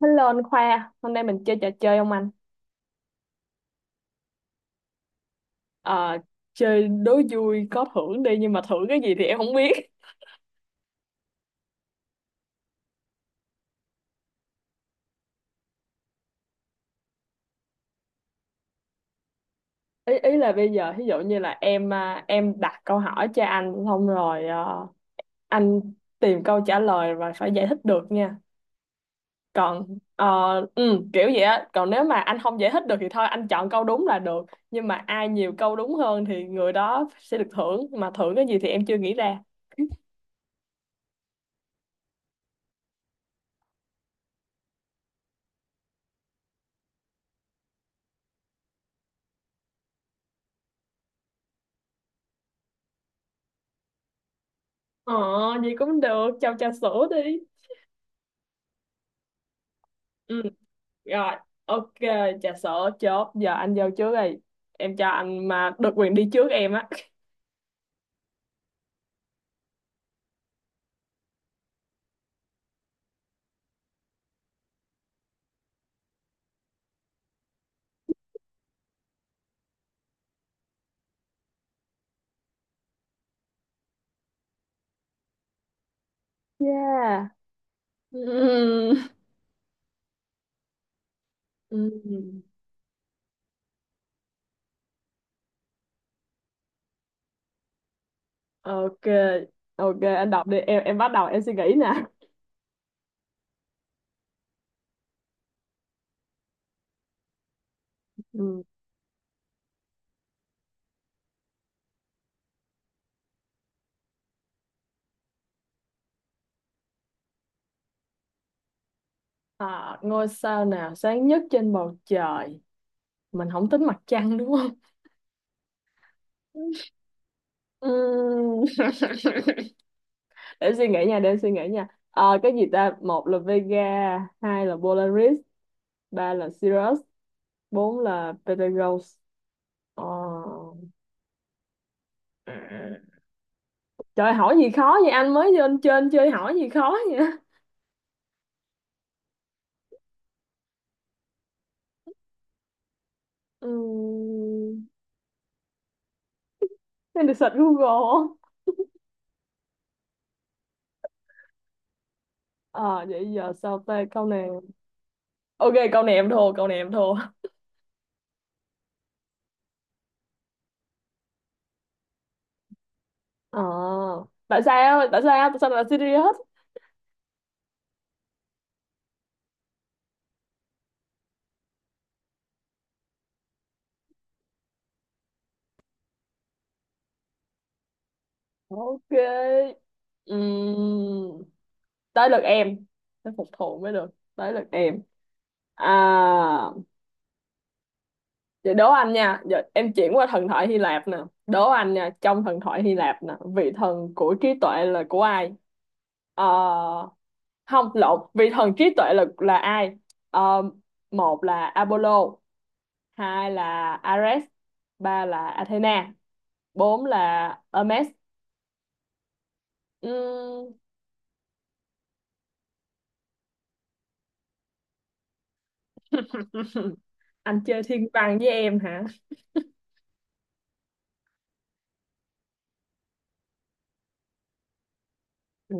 Hello anh Khoa, hôm nay mình chơi trò chơi không anh? Ờ, Chơi đố vui có thưởng đi, nhưng mà thưởng cái gì thì em không biết. Ý ý là bây giờ ví dụ như là em đặt câu hỏi cho anh xong rồi, anh tìm câu trả lời và phải giải thích được nha. Còn kiểu vậy á, còn nếu mà anh không giải thích được thì thôi anh chọn câu đúng là được. Nhưng mà ai nhiều câu đúng hơn thì người đó sẽ được thưởng, mà thưởng cái gì thì em chưa nghĩ ra. Ờ, Vậy cũng được, cho trà sữa đi. Rồi, ok, trà sữa chốt. Giờ anh vô trước đi. Em cho anh mà được quyền đi trước em á. Yeah. Ừm. Ok, ok, anh đọc đi. Em bắt đầu em suy nghĩ nè. Ừm. À, ngôi sao nào sáng nhất trên bầu trời? Mình không tính mặt trăng đúng không? Ừm. Để suy nghĩ nha, để em suy nghĩ nha. Ờ, cái gì ta? Một là Vega, hai là Polaris, ba là Sirius, bốn là Betelgeuse. Ờ. Ừ. Trời hỏi gì khó vậy, anh mới lên trên chơi hỏi gì khó vậy. Ừm, Nên được search Google không? Ờ Vậy giờ sao ta câu này? Ok, câu này em thua, câu này em thua. Ờ, tại sao tại sao tại sao lại là serious? Ok. Ừm, tới lượt em. Phải phục thù mới được. Tới lượt em. À, vậy đố anh nha, giờ em chuyển qua thần thoại Hy Lạp nè. Đố anh nha, trong thần thoại Hy Lạp nè, vị thần của trí tuệ là của ai? Ờ, Không, lộn, vị thần trí tuệ là ai? Ờ, Một là Apollo, hai là Ares, ba là Athena, bốn là Hermes. Ừm. Anh chơi thiên văn với em hả? Ừ.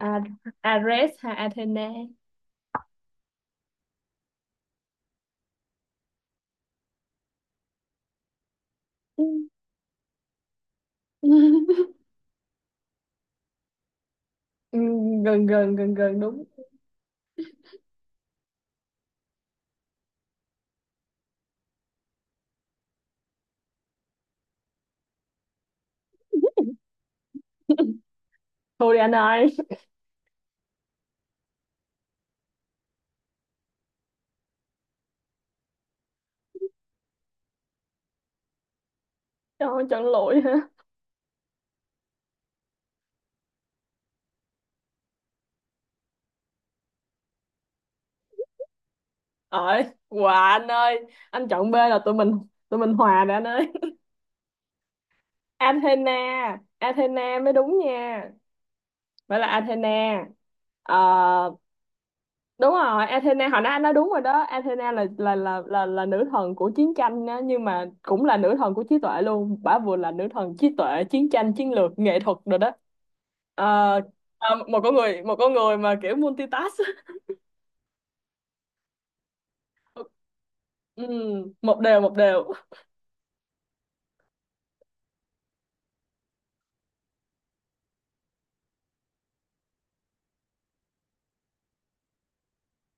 A- Ares hay Athena? Ừ. Ừ, gần gần gần gần đúng. Thôi đi anh ơi, cho không chọn lụi hả? Ơi, quà anh ơi, anh chọn B là tụi mình, tụi mình hòa rồi anh ơi. Athena, Athena mới đúng nha. Phải là Athena. Ờ, đúng rồi, Athena hồi nãy anh nói đúng rồi đó. Athena là nữ thần của chiến tranh á, nhưng mà cũng là nữ thần của trí tuệ luôn. Bả vừa là nữ thần trí tuệ, chiến tranh, chiến lược, nghệ thuật rồi đó. Ờ, Một con người, một con người mà kiểu multitask. Ừ, một đều.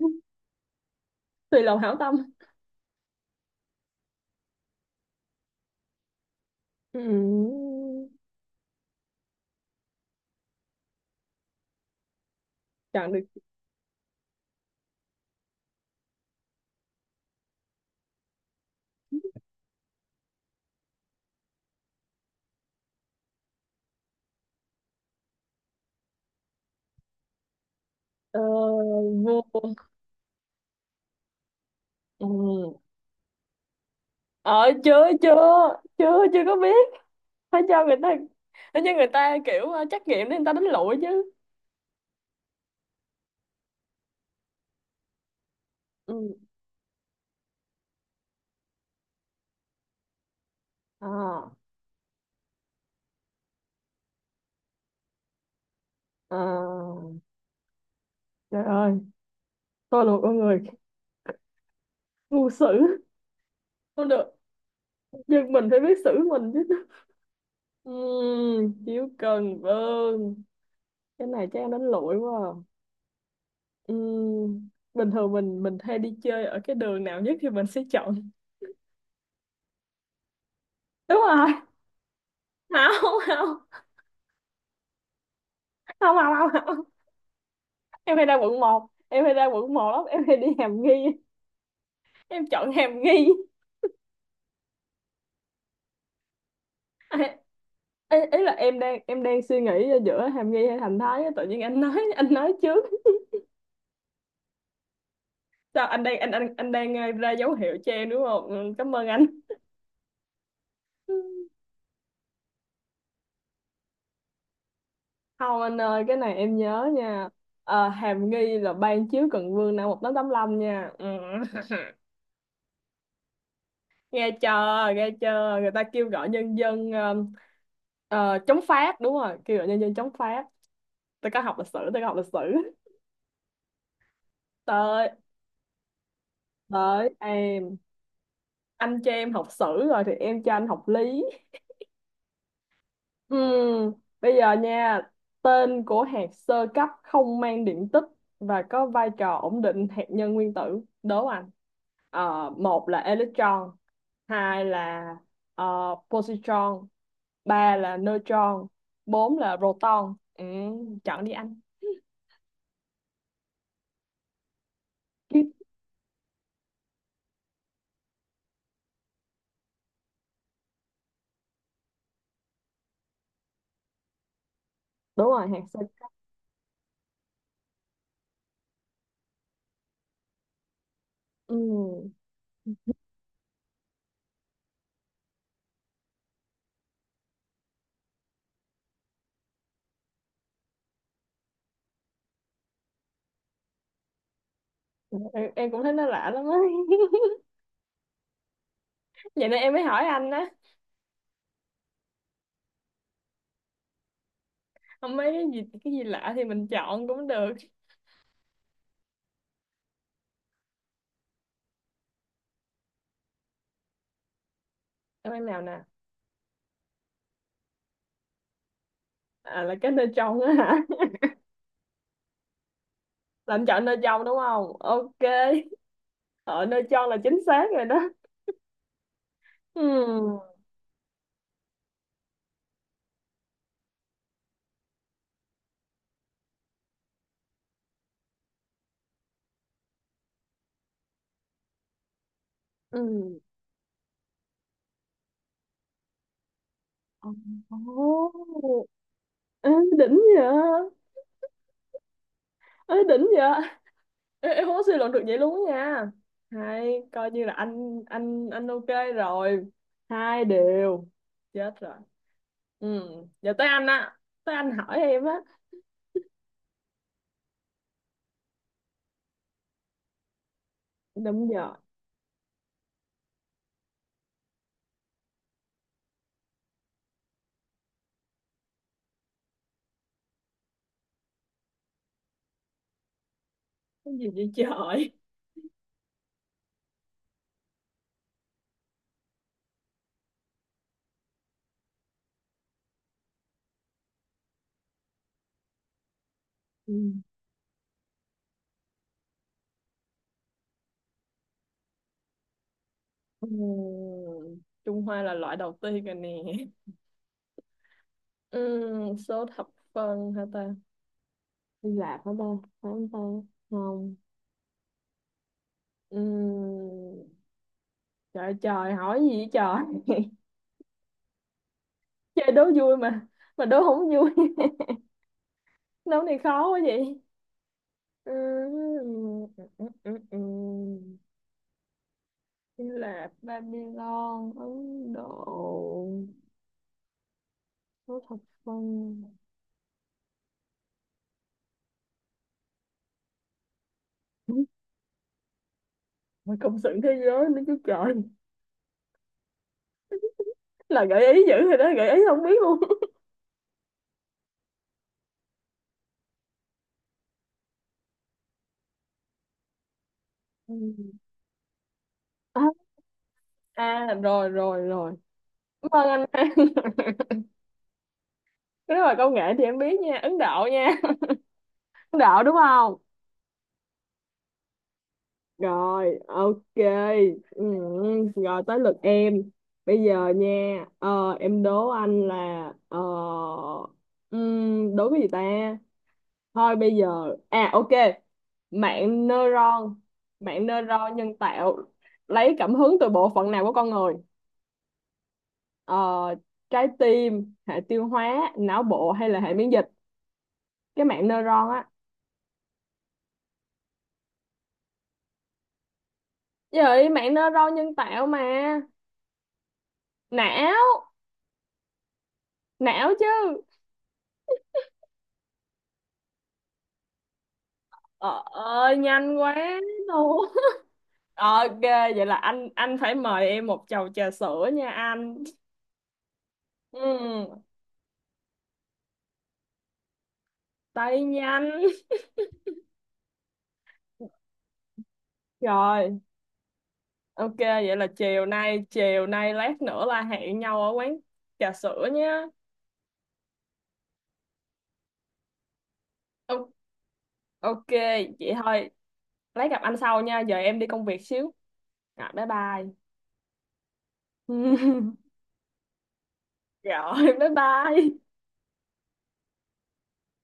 Tùy lòng hảo tâm. Ừm, chọn được. ờ, Vua. Ừm. ờ chưa chưa chưa chưa có biết, phải cho người ta, phải cho người ta kiểu trắc nghiệm để người ta đánh lụi chứ. Ừ. À, à. Trời ơi, tôi là một con người ngu xử không được, nhưng mình phải biết xử mình chứ. Chiếu cần vâng. Cái này chắc em đánh lụi quá à. Ừm, bình thường mình hay đi chơi ở cái đường nào nhất thì mình sẽ chọn. Đúng rồi. Không, không, không, không, không, không. Em hay ra quận một, em hay ra quận một lắm, em hay đi Hàm Nghi. Em chọn Hàm Nghi. À, ý, ý là em đang suy nghĩ giữa Hàm Nghi hay Thành Thái á, tự nhiên anh nói, anh nói trước. Sao anh đang, anh đang, ra dấu hiệu cho em đúng không? Ừ, cảm ơn anh. Không anh ơi, cái này em nhớ nha. Ờ, Hàm Nghi là ban chiếu Cần Vương năm 1985 nha. Ừ. Nghe chờ người ta kêu gọi nhân dân chống Pháp, đúng rồi, kêu gọi nhân dân chống Pháp. Tôi có học lịch sử, tôi có học lịch sử. Tới Tới em. Anh cho em học sử rồi thì em cho anh học lý. Ừm, bây giờ nha, tên của hạt sơ cấp không mang điện tích và có vai trò ổn định hạt nhân nguyên tử, đố anh. Ờ, một là electron, hai là positron, ba là neutron, bốn là proton. Ừ, chọn đi anh. Kiếp, đúng rồi hạt sơ cấp. Ừm, em cũng thấy nó lạ lắm á. Vậy nên em mới hỏi anh á. Không, mấy cái gì lạ thì mình chọn cũng được. Em ăn nào nè. À là cái nơi trong á hả? Là anh chọn nơi trong đúng không? Ok. Ở nơi trong là chính xác rồi đó. Ừ. Ừ. Ồ, ê, đỉnh vậy. Ê, đỉnh vậy. Ê, em không có suy luận được vậy luôn á nha. Hay coi như là anh ok. Rồi, hai đều. Chết rồi. Ừ, giờ tới anh á, tới anh hỏi em á. Đúng giờ. Cái gì vậy trời? Ừ. Ừ, Trung Hoa là loại đầu tiên rồi nè. Ừ, số thập phân hả ta? Hy Lạp hả ta? Phải không ta? Không. Ừ, trời trời hỏi gì vậy trời? Chơi đố vui mà đố không vui. Đố này khó quá vậy. Ừ, ừ. Hy Lạp, Babylon, Ấn Độ, số thập phân. Ừ, mà công xưởng thế giới nữa chứ trời. Là gợi ý dữ rồi đó, gợi ý không biết luôn. Ừ. à, À rồi rồi rồi, cảm ơn anh An. Nếu mà công nghệ thì em biết nha, Ấn Độ nha. Ấn Độ đúng không? Rồi, ok. Ừ, rồi tới lượt em. Bây giờ nha, em đố anh là ờ, đố cái gì ta. Thôi bây giờ, à ok, mạng neuron mạng neuron nhân tạo lấy cảm hứng từ bộ phận nào của con người? ờ, Trái tim, hệ tiêu hóa, não bộ hay là hệ miễn dịch? Cái mạng neuron á. Vậy mạng neuron nhân tạo mà, não não chứ. Ờ ơi nhanh quá luôn. Ok, vậy là anh phải mời em một chầu trà sữa nha anh. Ừ, tay nhanh. Rồi, ok, vậy là chiều nay lát nữa là hẹn nhau ở quán trà sữa nhé. Ok vậy thôi, lát gặp anh sau nha, giờ em đi công việc xíu. Rồi, bye bye. Rồi, bye bye.